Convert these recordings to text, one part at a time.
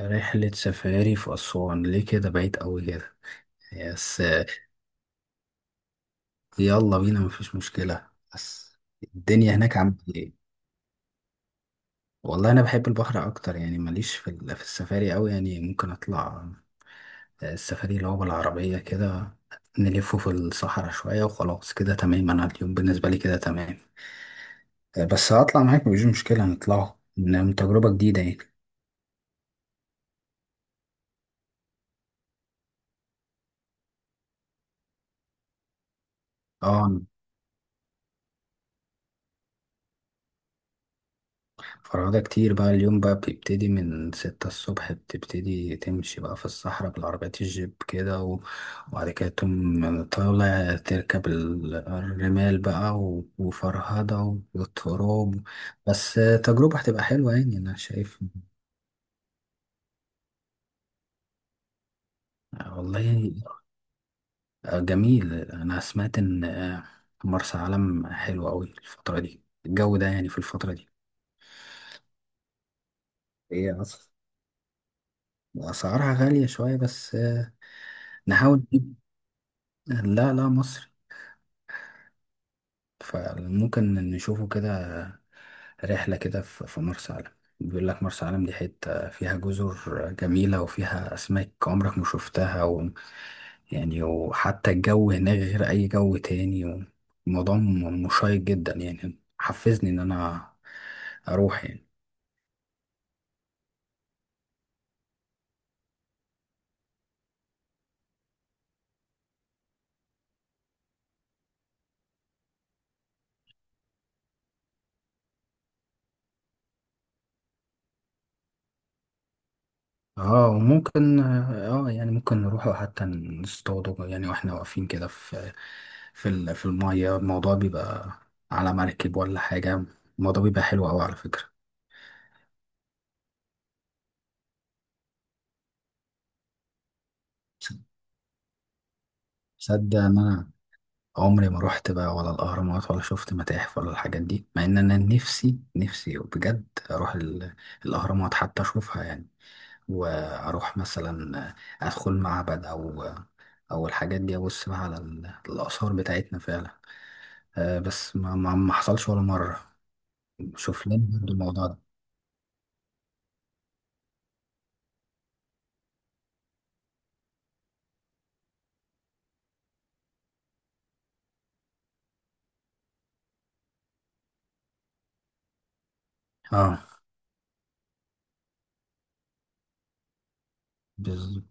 رحلة سفاري في أسوان، ليه كده بعيد أوي كده؟ يس، يلا بينا، مفيش مشكلة. بس الدنيا هناك عاملة ايه؟ والله أنا بحب البحر أكتر، يعني ماليش في في السفاري أوي، يعني ممكن أطلع. آه، السفاري اللي هو بالعربية كده، نلفه في الصحراء شوية وخلاص، كده تمام، أنا اليوم بالنسبة لي كده تمام. بس هطلع معاك، مفيش مشكلة، نطلعه إنه تجربة جديدة يعني. اه، فرهدة كتير بقى، اليوم بقى بتبتدي من 6 الصبح، بتبتدي تمشي بقى في الصحراء بالعربيات الجيب كده وبعد كده تقوم طالع تركب الرمال بقى و- وفرهدة والتراب. بس تجربة هتبقى حلوة يعني، أنا شايف. والله جميل، أنا سمعت إن مرسى علم حلوة أوي الفترة دي، الجو ده يعني في الفترة دي. هي أصلا أسعارها غالية شوية، بس نحاول نجيب. لا لا، مصر. فممكن نشوفه كده، رحلة كده في مرسى علم. بيقول لك مرسى علم دي حتة فيها جزر جميلة وفيها أسماك عمرك ما شفتها، و يعني وحتى الجو هناك غير أي جو تاني. الموضوع مشيق جدا، يعني حفزني إن أنا أروح يعني. اه، وممكن، يعني ممكن نروح حتى نصطاد، يعني واحنا واقفين كده في المية، الموضوع بيبقى على مركب ولا حاجة، الموضوع بيبقى حلو أوي على فكرة. تصدق إن أنا عمري ما روحت بقى، ولا الأهرامات ولا شفت متاحف ولا الحاجات دي، مع إن أنا نفسي نفسي بجد أروح الأهرامات حتى أشوفها يعني، وأروح مثلا أدخل معبد أو أو الحاجات دي، أبص بقى على الآثار بتاعتنا فعلا. آه، بس ما حصلش ولا مرة. شوف لنا برضو الموضوع ده. اه، بالظبط.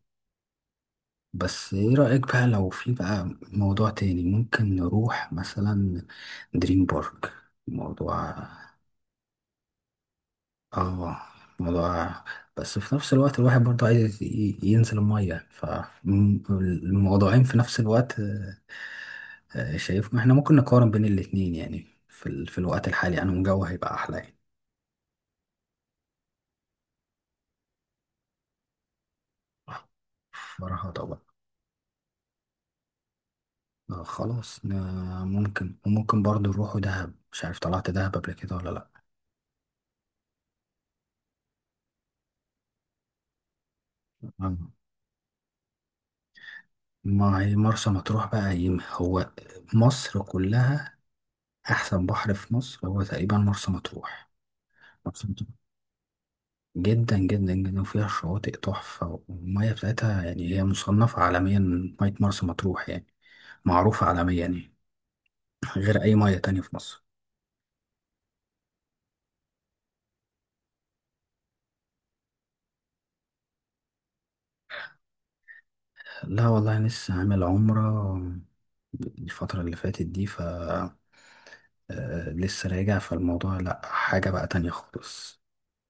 بس ايه رأيك بقى لو في بقى موضوع تاني، ممكن نروح مثلا دريم بارك؟ موضوع. اه، موضوع. بس في نفس الوقت، الواحد برضه عايز ينزل المية فالموضوعين في نفس الوقت. شايف، ما احنا ممكن نقارن بين الاتنين، يعني في الوقت الحالي انا الجو هيبقى احلى يعني. فرهضة بقى. آه خلاص، ممكن، وممكن برضه نروحوا دهب، مش عارف طلعت دهب قبل كده ولا لأ. آه. ما هي مرسى مطروح بقى، هي هو مصر كلها. أحسن بحر في مصر هو تقريبا مرسى مطروح. مرسى مطروح جدا جدا جدا، وفيها شواطئ تحفة، والمية بتاعتها يعني هي مصنفة عالميا. مية مرسى مطروح يعني معروفة عالميا يعني، غير أي مية تانية في مصر. لا والله، لسه عامل عمرة الفترة اللي فاتت دي، ف آه، لسه راجع، فالموضوع لأ، حاجة بقى تانية خالص.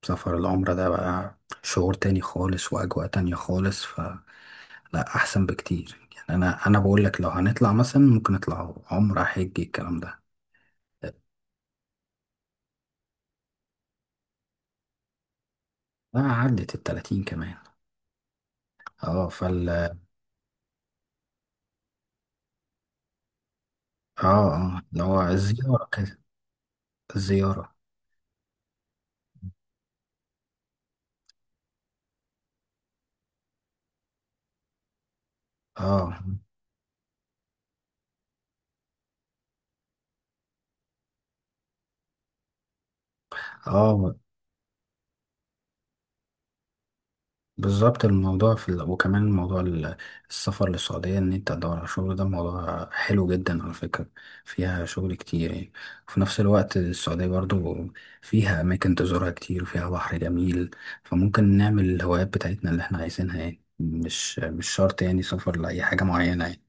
سفر العمرة ده بقى شعور تاني خالص، وأجواء تانية خالص، فلا أحسن بكتير يعني. أنا بقول لك لو هنطلع مثلا، ممكن نطلع عمرة، حج، الكلام ده. لا، عدت التلاتين كمان. اه فال اه اه، اللي هو الزيارة كده. الزيارة. اه، اه، بالظبط. الموضوع وكمان موضوع السفر للسعودية، إن أنت تدور على شغل ده موضوع حلو جدا على فكرة. فيها شغل كتير يعني، وفي نفس الوقت السعودية برضو فيها أماكن تزورها كتير وفيها بحر جميل. فممكن نعمل الهوايات بتاعتنا اللي إحنا عايزينها، يعني مش شرط يعني سفر لأي حاجة معينة يعني.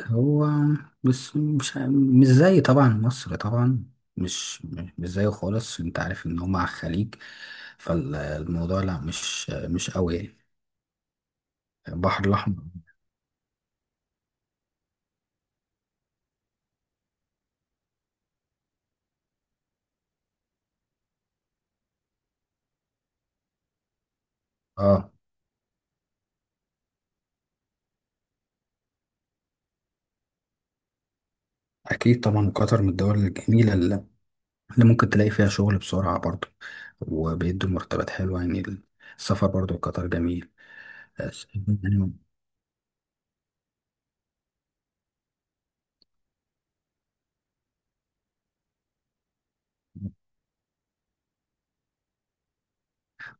هو، بس مش زي طبعا مصر، طبعا مش مش زيه خالص. أنت عارف إن هما على الخليج، فالموضوع لا، مش قوي يعني. البحر الأحمر. اه، أكيد طبعا قطر من الدول الجميلة اللي ممكن تلاقي فيها شغل بسرعة برضو، وبيدوا مرتبات حلوة يعني. السفر برضو لقطر جميل، بس يعني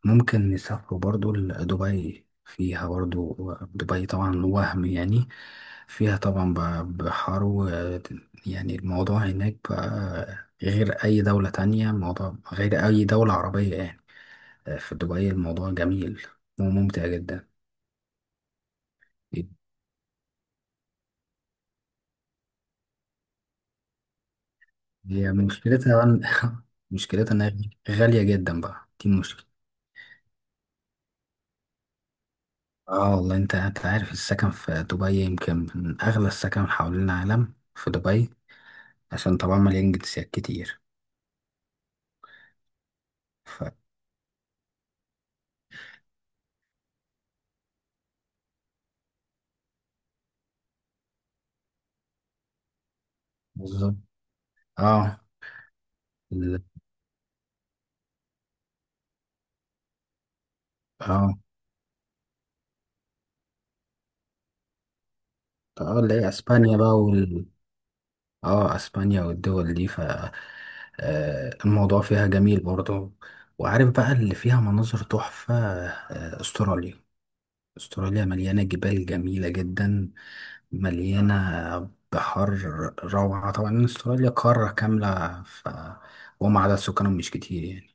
ممكن نسافروا برضو لدبي، فيها برضو، دبي طبعا، وهم يعني فيها طبعا بحر و- يعني الموضوع هناك بقى غير أي دولة تانية، الموضوع غير أي دولة عربية يعني. في دبي الموضوع جميل وممتع جدا. هي مشكلتها بقى- إن- مشكلتها انها غالية جدا بقى، دي المشكلة. اه والله، انت عارف السكن في دبي يمكن من اغلى السكن حوالين العالم في دبي، عشان طبعا مليان جنسيات كتير، ف بالظبط. اه، ال- اه، اه، اللي هي اسبانيا بقى، وال اه اسبانيا والدول دي، ف آه، الموضوع فيها جميل برضه، وعارف بقى اللي فيها مناظر تحفة. آه، استراليا. استراليا مليانة جبال جميلة جدا، مليانة بحر، روعة طبعا. استراليا قارة كاملة، ف وما عدد سكانهم مش كتير يعني.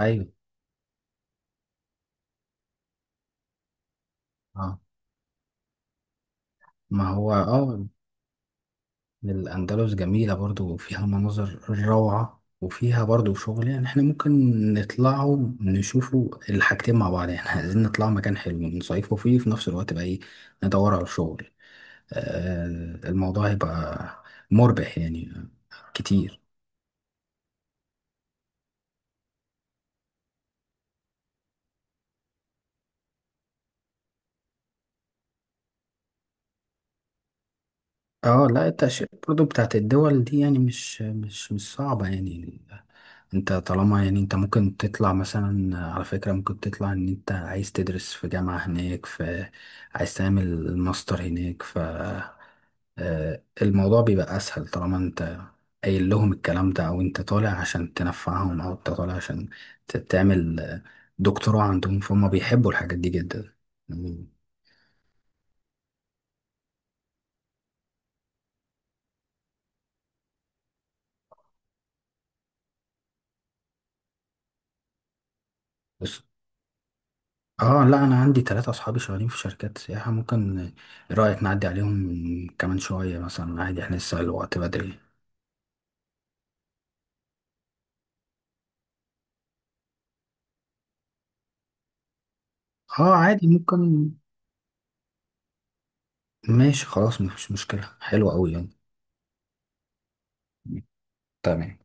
أيوة. اه، ما هو الأندلس جميلة برضو، وفيها مناظر روعة وفيها برضو شغل، يعني احنا ممكن نطلعوا نشوفوا الحاجتين مع بعض يعني عايزين نطلع مكان حلو نصيفوا فيه في نفس الوقت بقى، ايه ندور على شغل، الموضوع هيبقى مربح يعني كتير. اه، لا، التأشيرة برضو بتاعت الدول دي يعني مش صعبة يعني. انت طالما يعني، انت ممكن تطلع مثلا، على فكرة ممكن تطلع ان انت عايز تدرس في جامعة هناك، في عايز تعمل ماستر هناك، ف الموضوع بيبقى اسهل طالما انت قايل لهم الكلام ده، او انت طالع عشان تنفعهم، او انت طالع عشان تعمل دكتوراه عندهم، فهم بيحبوا الحاجات دي جدا يعني. اه، لا، انا عندي 3 اصحابي شغالين في شركات سياحة، ممكن ايه رأيك نعدي عليهم كمان شوية مثلا؟ عادي، احنا لسه الوقت بدري. اه، عادي، ممكن. ماشي، خلاص، مفيش مشكلة، حلوة قوي يعني. تمام.